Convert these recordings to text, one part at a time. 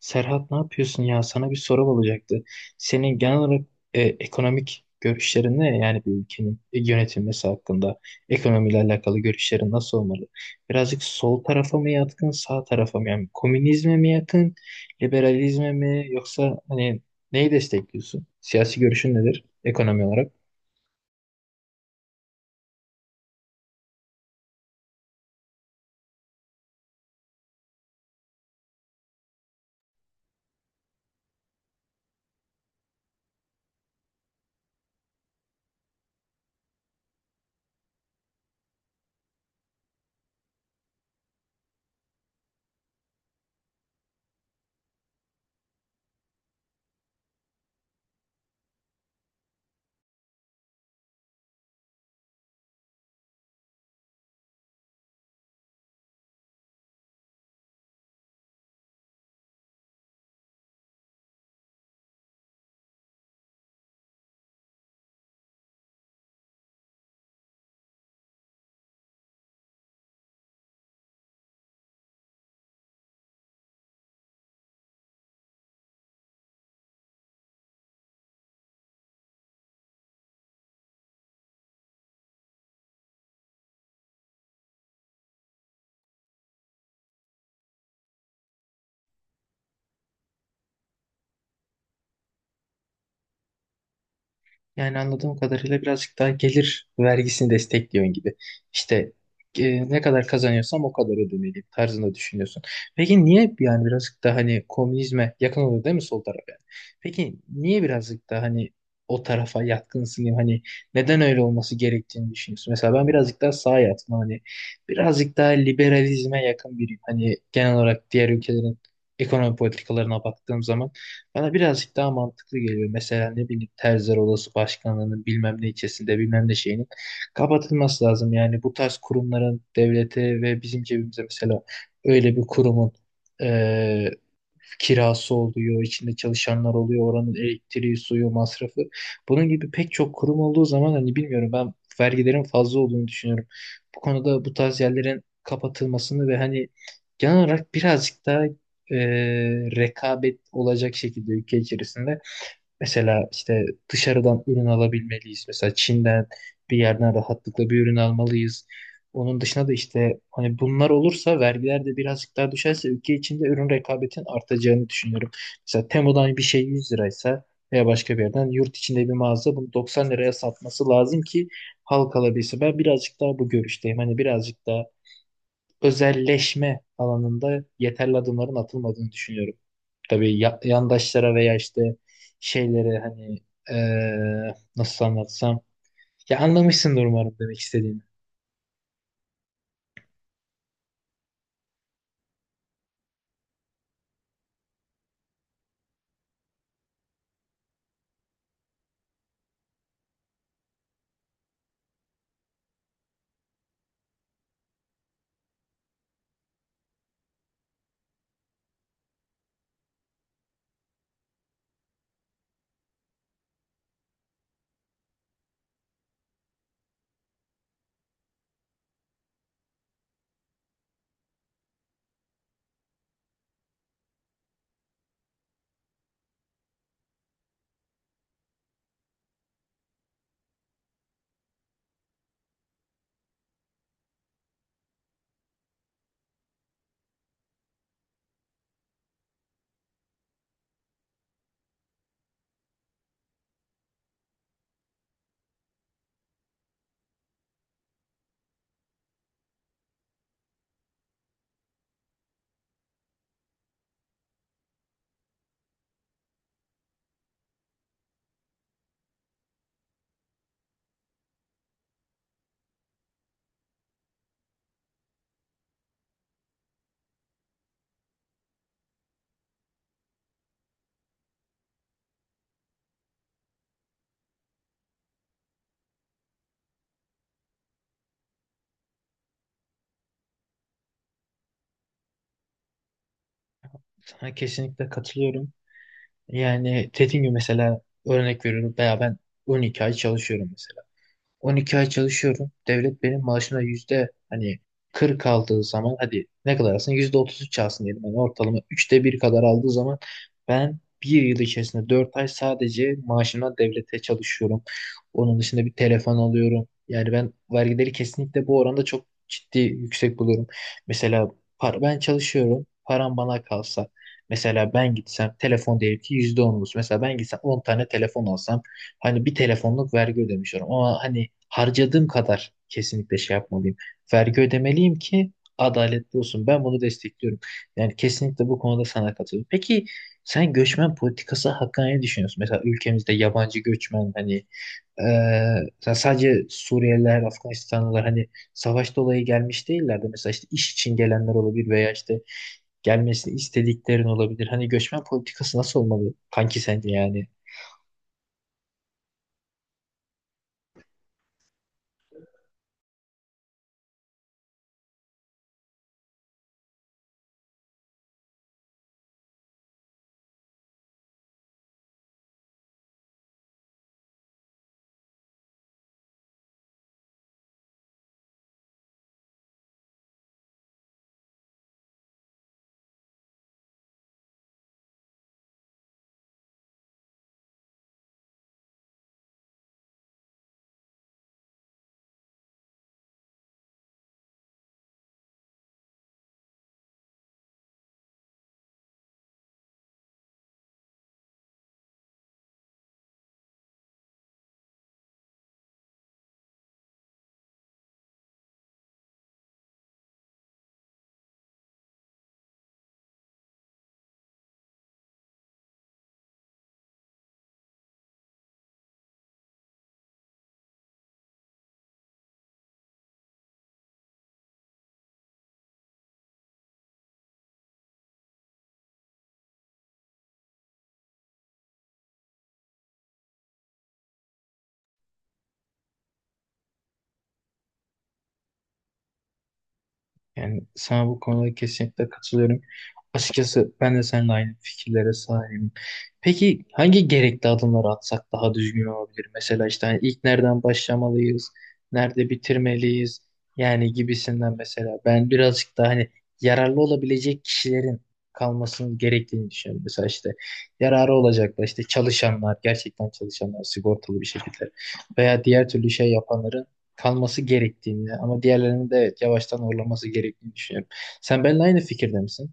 Serhat ne yapıyorsun ya? Sana bir sorum olacaktı. Senin genel olarak ekonomik görüşlerin ne? Yani bir ülkenin yönetilmesi hakkında ekonomiyle alakalı görüşlerin nasıl olmalı? Birazcık sol tarafa mı yatkın, sağ tarafa mı? Yani komünizme mi yakın, liberalizme mi? Yoksa hani neyi destekliyorsun? Siyasi görüşün nedir ekonomi olarak? Yani anladığım kadarıyla birazcık daha gelir vergisini destekliyorsun gibi. İşte ne kadar kazanıyorsam o kadar ödemeliyim tarzında düşünüyorsun. Peki niye yani birazcık daha hani komünizme yakın oluyor değil mi sol taraf yani? Peki niye birazcık daha hani o tarafa yatkınsın diyeyim hani neden öyle olması gerektiğini düşünüyorsun? Mesela ben birazcık daha sağa yatkın hani birazcık daha liberalizme yakın biriyim. Hani genel olarak diğer ülkelerin ekonomi politikalarına baktığım zaman. Bana birazcık daha mantıklı geliyor. Mesela ne bileyim Terziler Odası Başkanlığı'nın bilmem ne ilçesinde bilmem ne şeyinin kapatılması lazım. Yani bu tarz kurumların devlete ve bizim cebimize mesela öyle bir kurumun eee, kirası oluyor, içinde çalışanlar oluyor, oranın elektriği, suyu, masrafı. Bunun gibi pek çok kurum olduğu zaman hani bilmiyorum ben vergilerin fazla olduğunu düşünüyorum. Bu konuda bu tarz yerlerin kapatılmasını ve hani genel olarak birazcık daha e, rekabet olacak şekilde ülke içerisinde mesela işte dışarıdan ürün alabilmeliyiz. Mesela Çin'den bir yerden rahatlıkla bir ürün almalıyız. Onun dışında da işte hani bunlar olursa vergiler de birazcık daha düşerse ülke içinde ürün rekabetin artacağını düşünüyorum. Mesela Temo'dan bir şey 100 liraysa veya başka bir yerden yurt içinde bir mağaza bunu 90 liraya satması lazım ki halk alabilse. Ben birazcık daha bu görüşteyim. Hani birazcık daha özelleşme alanında yeterli adımların atılmadığını düşünüyorum. Tabii yandaşlara veya işte şeylere hani nasıl anlatsam ya anlamışsındır umarım demek istediğimi. Sana kesinlikle katılıyorum. Yani dediğim gibi mesela örnek veriyorum veya ben 12 ay çalışıyorum mesela. 12 ay çalışıyorum. Devlet benim maaşına yüzde hani 40 aldığı zaman hadi ne kadar alsın? Yüzde 33 alsın diyelim. Yani ortalama üçte bir kadar aldığı zaman ben bir yıl içerisinde 4 ay sadece maaşımdan devlete çalışıyorum. Onun dışında bir telefon alıyorum. Yani ben vergileri kesinlikle bu oranda çok ciddi yüksek buluyorum. Mesela ben çalışıyorum. Param bana kalsa. Mesela ben gitsem telefon diyelim ki %10 olsun. Mesela ben gitsem 10 tane telefon alsam hani bir telefonluk vergi ödemişiyorum ama hani harcadığım kadar kesinlikle şey yapmalıyım. Vergi ödemeliyim ki adaletli olsun. Ben bunu destekliyorum. Yani kesinlikle bu konuda sana katılıyorum. Peki sen göçmen politikası hakkında ne düşünüyorsun? Mesela ülkemizde yabancı göçmen hani sadece Suriyeliler, Afganistanlılar hani savaş dolayı gelmiş değiller de mesela işte iş için gelenler olabilir veya işte gelmesini istediklerin olabilir. Hani göçmen politikası nasıl olmalı kanki sence yani? Yani sana bu konuda kesinlikle katılıyorum. Açıkçası ben de seninle aynı fikirlere sahibim. Peki hangi gerekli adımları atsak daha düzgün olabilir? Mesela işte hani ilk nereden başlamalıyız, nerede bitirmeliyiz yani gibisinden mesela. Ben birazcık daha hani yararlı olabilecek kişilerin kalmasının gerektiğini düşünüyorum. Mesela işte yararı olacaklar işte çalışanlar, gerçekten çalışanlar sigortalı bir şekilde veya diğer türlü şey yapanların kalması gerektiğini ama diğerlerinin de evet yavaştan horlaması gerektiğini düşünüyorum. Sen benimle aynı fikirde misin?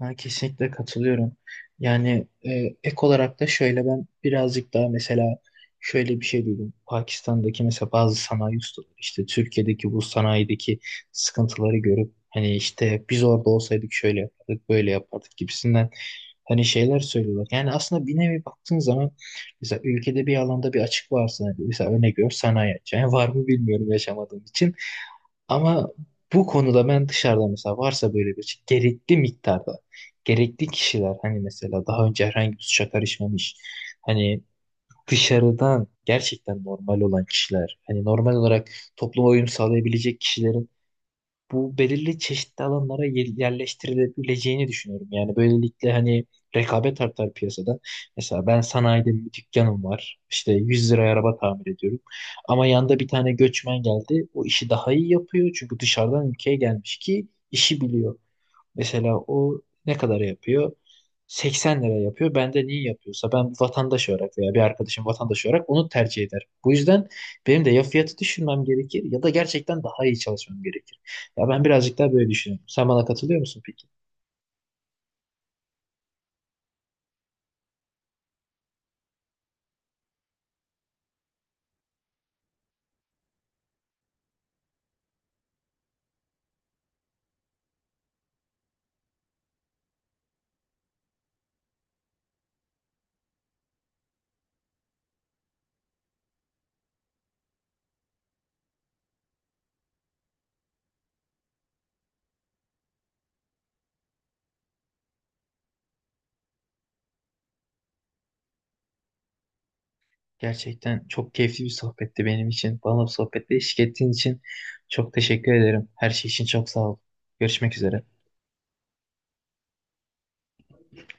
Ben kesinlikle katılıyorum. Yani ek olarak da şöyle ben birazcık daha mesela şöyle bir şey duydum. Pakistan'daki mesela bazı sanayi ustaları işte Türkiye'deki bu sanayideki sıkıntıları görüp hani işte biz orada olsaydık şöyle yapardık böyle yapardık gibisinden hani şeyler söylüyorlar. Yani aslında bir nevi baktığın zaman mesela ülkede bir alanda bir açık varsa hani mesela örnek veriyorum sanayi açığı. Yani var mı bilmiyorum yaşamadığım için. Ama bu konuda ben dışarıda mesela varsa böyle bir şey, gerekli miktarda gerekli kişiler hani mesela daha önce herhangi bir suça karışmamış hani dışarıdan gerçekten normal olan kişiler hani normal olarak topluma uyum sağlayabilecek kişilerin bu belirli çeşitli alanlara yerleştirilebileceğini düşünüyorum. Yani böylelikle hani rekabet artar piyasada. Mesela ben sanayide bir dükkanım var. İşte 100 liraya araba tamir ediyorum. Ama yanda bir tane göçmen geldi. O işi daha iyi yapıyor. Çünkü dışarıdan ülkeye gelmiş ki işi biliyor. Mesela o ne kadar yapıyor? 80 lira yapıyor. Ben de niye yapıyorsa ben vatandaş olarak veya bir arkadaşım vatandaş olarak onu tercih eder. Bu yüzden benim de ya fiyatı düşürmem gerekir ya da gerçekten daha iyi çalışmam gerekir. Ya ben birazcık daha böyle düşünüyorum. Sen bana katılıyor musun peki? Gerçekten çok keyifli bir sohbetti benim için. Bana bu sohbette eşlik ettiğin için çok teşekkür ederim. Her şey için çok sağ ol. Görüşmek üzere.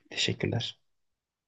Teşekkürler.